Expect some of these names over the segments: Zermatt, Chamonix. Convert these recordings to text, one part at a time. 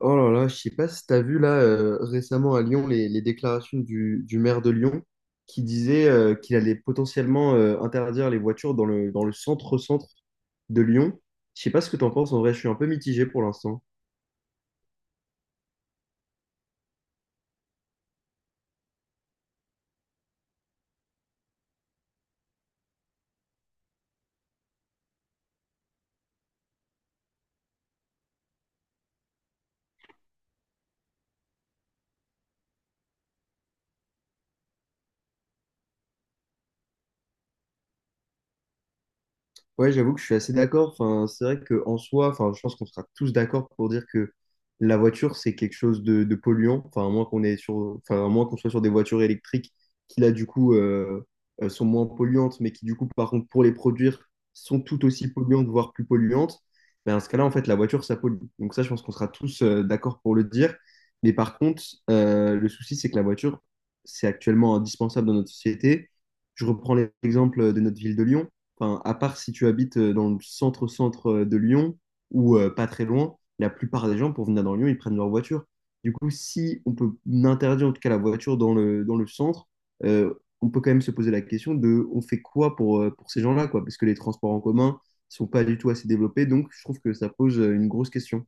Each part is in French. Oh là là, je sais pas si tu as vu là, récemment à Lyon les déclarations du maire de Lyon qui disait, qu'il allait potentiellement interdire les voitures dans le centre-centre de Lyon. Je sais pas ce que tu en penses, en vrai, je suis un peu mitigé pour l'instant. Ouais, j'avoue que je suis assez d'accord. Enfin, c'est vrai qu'en soi, enfin, je pense qu'on sera tous d'accord pour dire que la voiture, c'est quelque chose de polluant. Enfin, à moins qu'on est sur, enfin, à moins qu'on soit sur des voitures électriques qui, là, du coup, sont moins polluantes, mais qui, du coup, par contre, pour les produire, sont tout aussi polluantes, voire plus polluantes. Ben, dans ce cas-là, en fait, la voiture, ça pollue. Donc ça, je pense qu'on sera tous d'accord pour le dire. Mais par contre, le souci, c'est que la voiture, c'est actuellement indispensable dans notre société. Je reprends l'exemple de notre ville de Lyon. Enfin, à part si tu habites dans le centre-centre de Lyon ou pas très loin, la plupart des gens, pour venir dans Lyon, ils prennent leur voiture. Du coup, si on peut interdire en tout cas la voiture dans le centre, euh, on peut quand même se poser la question de on fait quoi pour ces gens-là, quoi, parce que les transports en commun sont pas du tout assez développés, donc je trouve que ça pose une grosse question.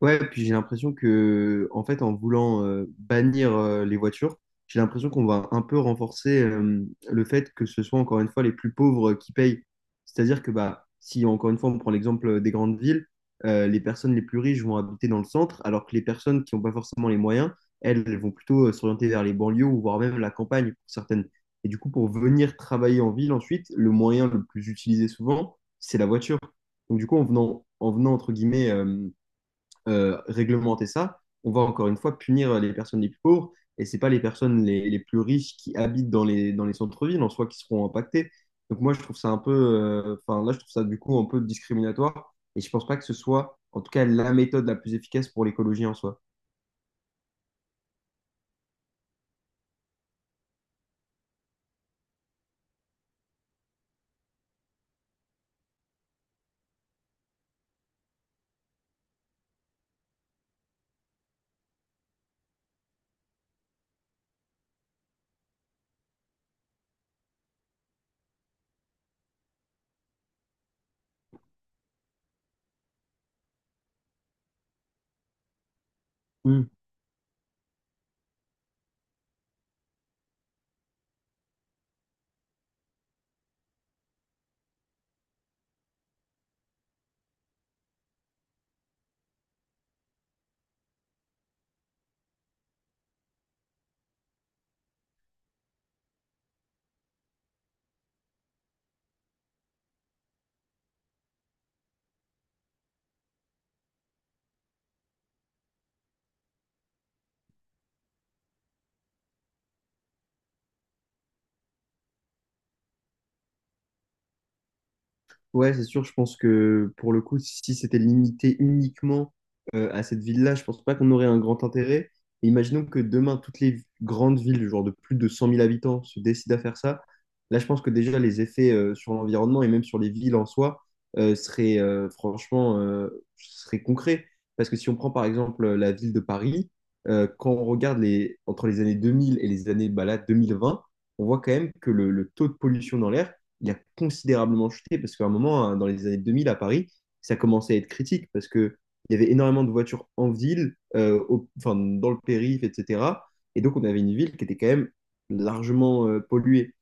Ouais, puis j'ai l'impression que, en fait, en voulant bannir les voitures, j'ai l'impression qu'on va un peu renforcer le fait que ce soit encore une fois les plus pauvres qui payent. C'est-à-dire que, bah, si encore une fois on prend l'exemple des grandes villes, les personnes les plus riches vont habiter dans le centre, alors que les personnes qui n'ont pas forcément les moyens, elles, elles vont plutôt s'orienter vers les banlieues ou voire même la campagne pour certaines. Et du coup, pour venir travailler en ville ensuite, le moyen le plus utilisé souvent, c'est la voiture. Donc du coup, en venant entre guillemets réglementer ça, on va encore une fois punir les personnes les plus pauvres et c'est pas les personnes les plus riches qui habitent dans les centres-villes en soi qui seront impactées. Donc moi, je trouve ça un peu, enfin, enfin, là, je trouve ça du coup un peu discriminatoire et je ne pense pas que ce soit, en tout cas, la méthode la plus efficace pour l'écologie en soi. Mmh. Ouais, c'est sûr, je pense que pour le coup, si c'était limité uniquement à cette ville-là, je pense pas qu'on aurait un grand intérêt. Et imaginons que demain, toutes les grandes villes, genre de plus de 100 000 habitants, se décident à faire ça. Là, je pense que déjà, les effets sur l'environnement et même sur les villes en soi seraient franchement seraient concrets. Parce que si on prend par exemple la ville de Paris, quand on regarde entre les années 2000 et les années bah, là, 2020, on voit quand même que le taux de pollution dans l'air, il a considérablement chuté parce qu'à un moment, hein, dans les années 2000 à Paris, ça commençait à être critique parce que il y avait énormément de voitures en ville, enfin, dans le périph', etc. Et donc, on avait une ville qui était quand même largement polluée.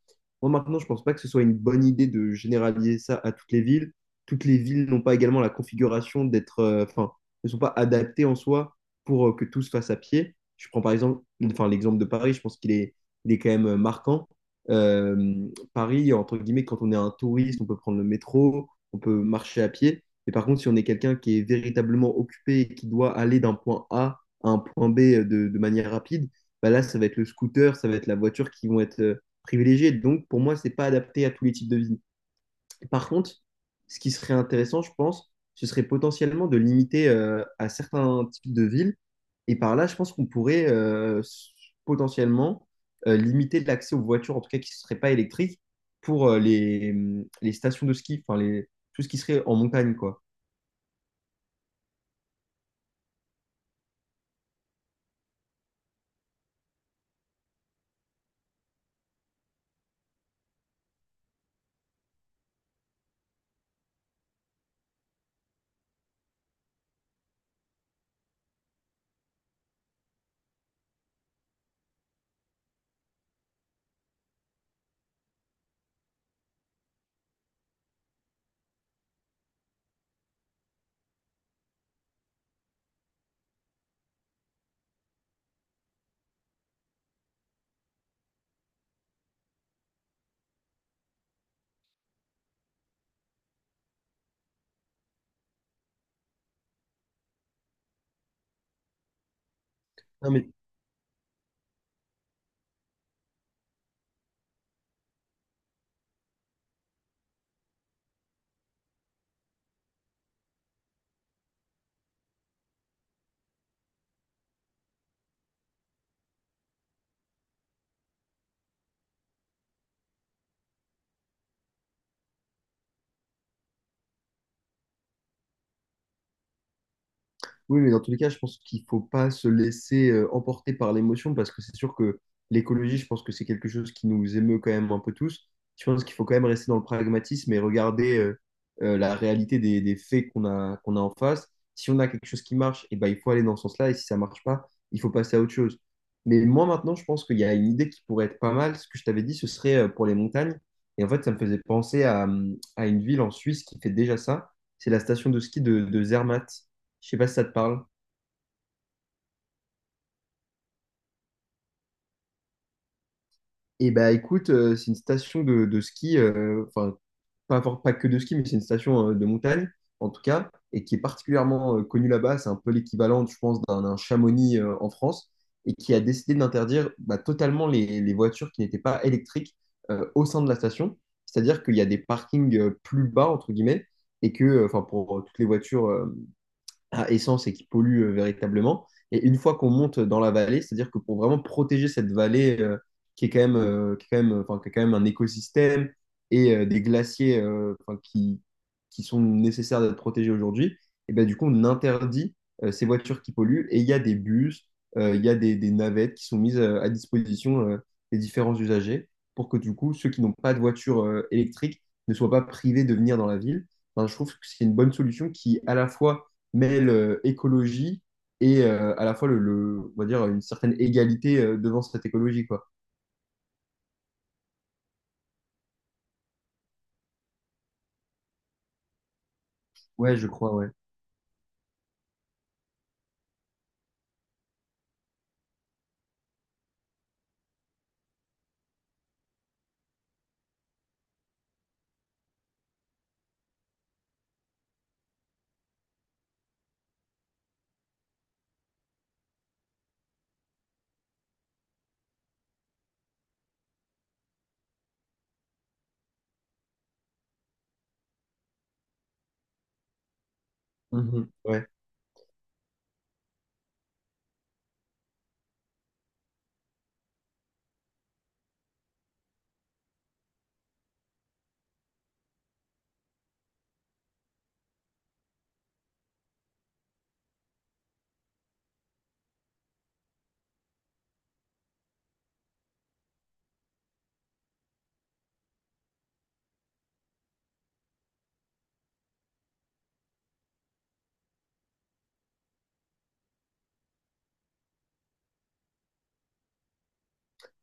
Moi, maintenant, je pense pas que ce soit une bonne idée de généraliser ça à toutes les villes. Toutes les villes n'ont pas également la configuration d'être, enfin, ne sont pas adaptées en soi pour que tout se fasse à pied. Je prends par exemple, enfin, l'exemple de Paris, je pense qu'il est quand même marquant. Euh, Paris, entre guillemets, quand on est un touriste, on peut prendre le métro, on peut marcher à pied. Et par contre, si on est quelqu'un qui est véritablement occupé et qui doit aller d'un point A à un point B, de manière rapide, bah là, ça va être le scooter, ça va être la voiture qui vont être privilégiées. Donc, pour moi, c'est pas adapté à tous les types de vie. Par contre, ce qui serait intéressant, je pense, ce serait potentiellement de limiter à certains types de villes et par là, je pense qu'on pourrait potentiellement limiter l'accès aux voitures, en tout cas qui ne seraient pas électriques, pour les stations de ski, enfin tout ce qui serait en montagne, quoi. Non, mais. Oui, mais dans tous les cas, je pense qu'il faut pas se laisser emporter par l'émotion parce que c'est sûr que l'écologie, je pense que c'est quelque chose qui nous émeut quand même un peu tous. Je pense qu'il faut quand même rester dans le pragmatisme et regarder la réalité des faits qu'on a en face. Si on a quelque chose qui marche, eh ben, il faut aller dans ce sens-là et si ça marche pas, il faut passer à autre chose. Mais moi, maintenant, je pense qu'il y a une idée qui pourrait être pas mal. Ce que je t'avais dit, ce serait pour les montagnes. Et en fait, ça me faisait penser à une ville en Suisse qui fait déjà ça. C'est la station de ski de Zermatt. Je sais pas si ça te parle. Et bah écoute, c'est une station de ski, enfin pas que de ski, mais c'est une station de montagne en tout cas, et qui est particulièrement connue là-bas. C'est un peu l'équivalent, je pense, d'un d'un Chamonix en France, et qui a décidé d'interdire bah, totalement les voitures qui n'étaient pas électriques au sein de la station. C'est-à-dire qu'il y a des parkings plus bas, entre guillemets, et que, enfin pour toutes les voitures à essence et qui pollue véritablement. Et une fois qu'on monte dans la vallée, c'est-à-dire que pour vraiment protéger cette vallée, qui est quand même, qui est quand même, enfin, qui est quand même un écosystème et des glaciers, enfin, qui sont nécessaires d'être protégés aujourd'hui, et ben, du coup, on interdit ces voitures qui polluent et il y a des bus, il y a des navettes qui sont mises à disposition des différents usagers pour que du coup, ceux qui n'ont pas de voiture électrique ne soient pas privés de venir dans la ville. Enfin, je trouve que c'est une bonne solution qui, à la fois, mêle écologie et à la fois on va dire une certaine égalité devant cette écologie, quoi. Ouais, je crois, ouais. Mhm, ouais.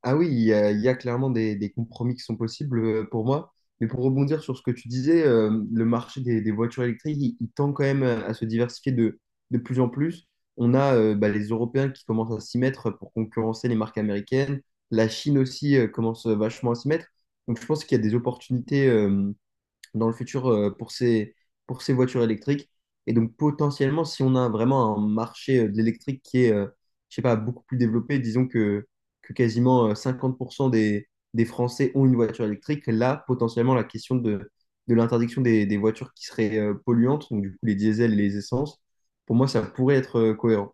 Ah oui, il y a clairement des compromis qui sont possibles pour moi. Mais pour rebondir sur ce que tu disais, le marché des voitures électriques, il tend quand même à se diversifier de plus en plus. On a bah, les Européens qui commencent à s'y mettre pour concurrencer les marques américaines. La Chine aussi commence vachement à s'y mettre. Donc je pense qu'il y a des opportunités dans le futur pour ces voitures électriques. Et donc potentiellement, si on a vraiment un marché de l'électrique qui est, je sais pas, beaucoup plus développé, disons que quasiment 50% des Français ont une voiture électrique, là, potentiellement, la question de l'interdiction des voitures qui seraient polluantes, donc du coup les diesels et les essences, pour moi, ça pourrait être cohérent.